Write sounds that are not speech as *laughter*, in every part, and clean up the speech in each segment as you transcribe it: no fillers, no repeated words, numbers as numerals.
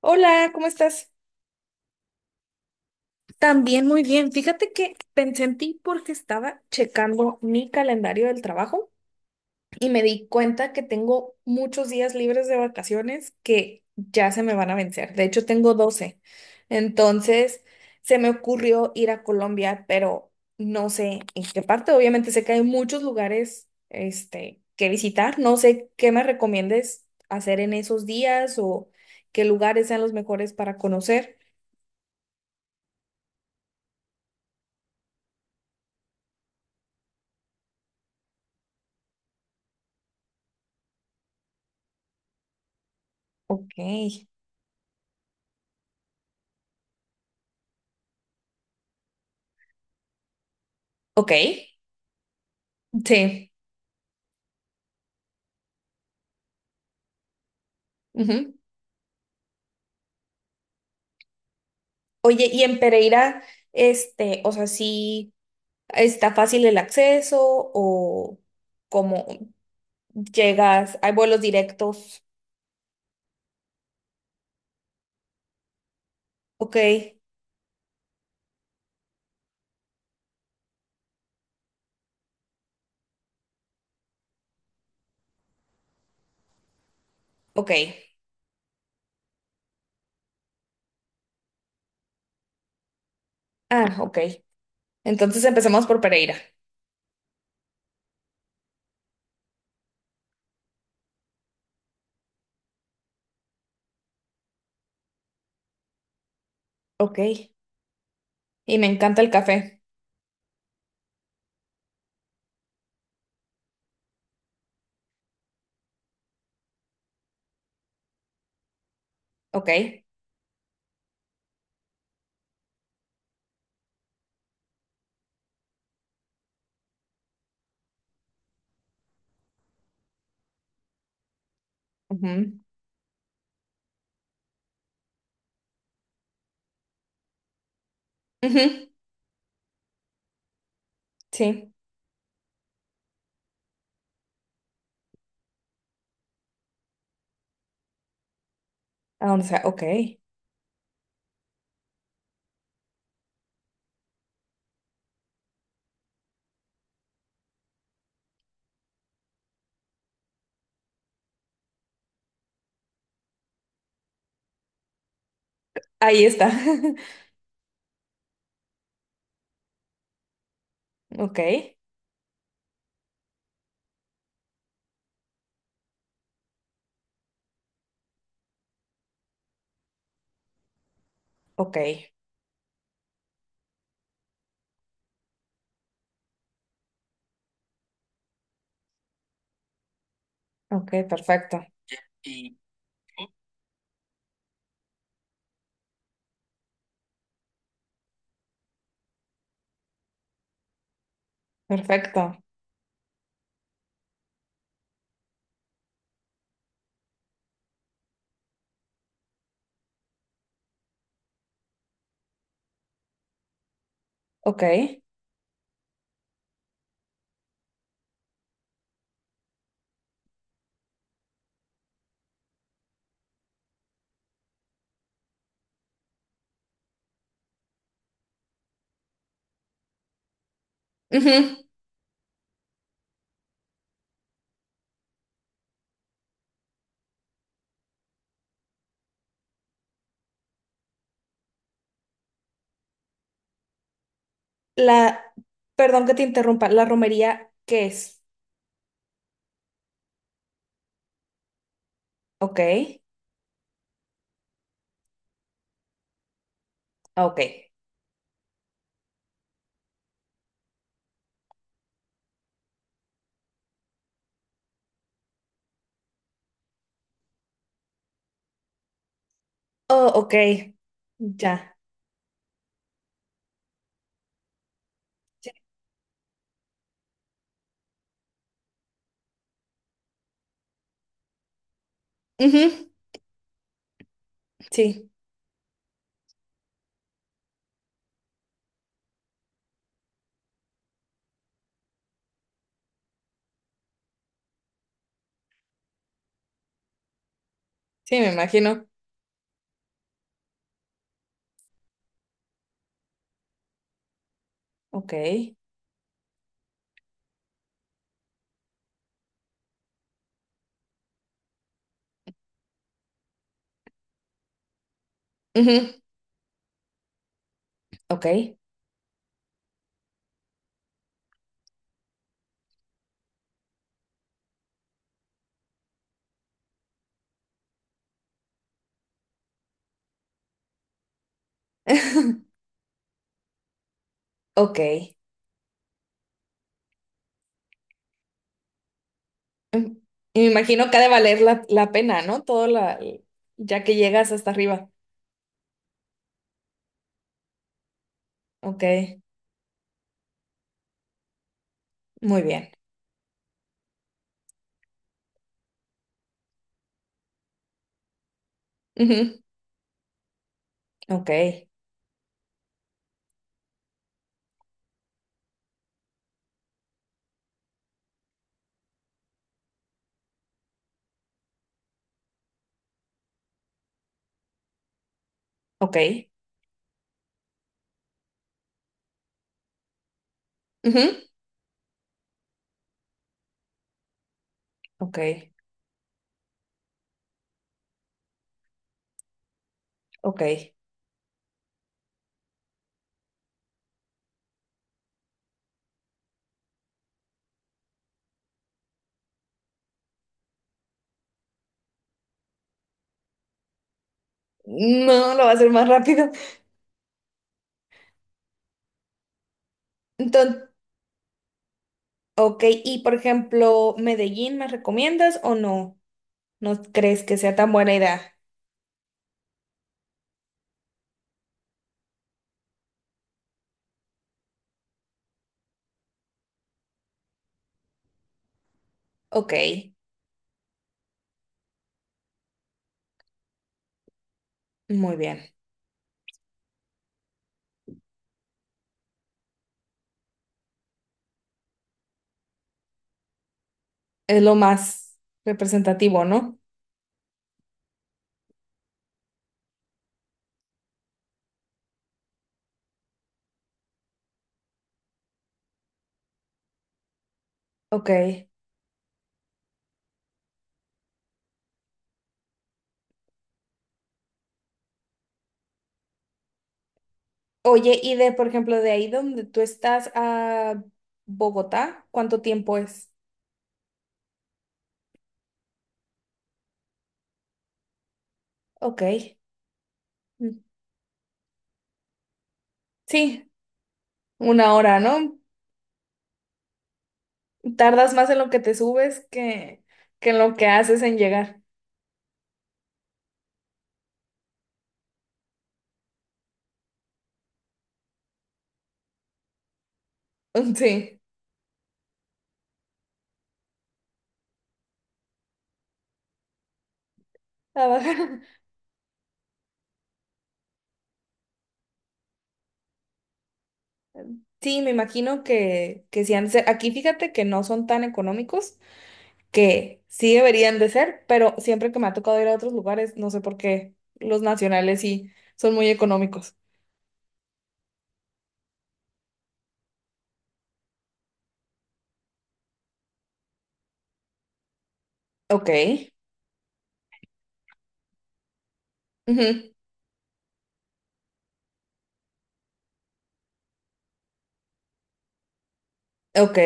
Hola, ¿cómo estás? También muy bien. Fíjate que pensé en ti porque estaba checando mi calendario del trabajo y me di cuenta que tengo muchos días libres de vacaciones que ya se me van a vencer. De hecho, tengo 12. Entonces, se me ocurrió ir a Colombia, pero no sé en qué parte. Obviamente sé que hay muchos lugares, que visitar. No sé qué me recomiendes hacer en esos días o qué lugares sean los mejores para conocer. Ok. Ok, sí. Ujú. Oye, y en Pereira, o sea, sí está fácil el acceso o cómo llegas, ¿hay vuelos directos? Ok, ok. Ah, ok. Entonces empecemos por Pereira. Ok. Y me encanta el café. Ok. Ujú, ujú, sí. ¿A dónde sea? Ok. Ahí está. *laughs* Ok. Ok. Ok, perfecto. Perfecto. Ok. Ujú. La, perdón que te interrumpa, ¿la romería qué es? Ok, ok. Oh, ok, ya. Sí. Ujú, sí, sí, me imagino. Ok, ujú, ok, *laughs* ok. Ujú. Y me imagino que ha de valer la pena, ¿no? Ya que llegas hasta arriba. Ok, muy bien. Ujú, ok, ok, ujú, ok, ok. No, lo va a hacer más rápido. Entonces, ok, y por ejemplo, Medellín, ¿me recomiendas o no? ¿No crees que sea tan buena idea? Ok, muy bien. Es lo más representativo, ¿no? Ok. Oye, y de, por ejemplo, de ahí donde tú estás a Bogotá, ¿cuánto tiempo es? Ok. Mm, sí, 1 hora, ¿no? Tardas más en lo que te subes que en lo que haces en llegar. *laughs* Sí. A bajar. Sí, me imagino que sí han de ser. Aquí fíjate que no son tan económicos, que sí deberían de ser, pero siempre que me ha tocado ir a otros lugares, no sé por qué, los nacionales sí son muy económicos. Ok. Ujú, ok.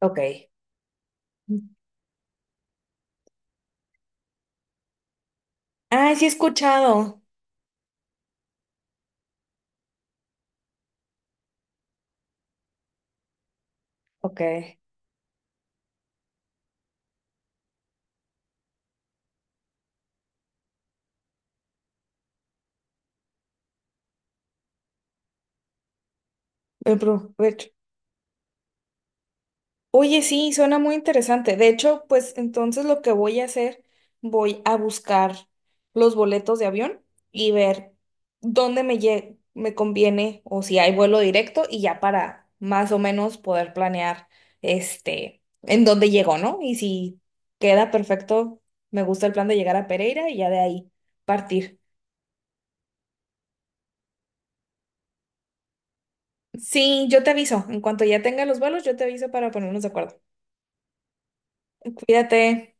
Ok. Ah, sí he escuchado. Ok. El provecho. Oye, sí, suena muy interesante. De hecho, pues entonces lo que voy a hacer, voy a buscar los boletos de avión y ver dónde me conviene o si hay vuelo directo y ya para más o menos poder planear en dónde llego, ¿no? Y si queda perfecto, me gusta el plan de llegar a Pereira y ya de ahí partir. Sí, yo te aviso. En cuanto ya tenga los vuelos, yo te aviso para ponernos de acuerdo. Cuídate.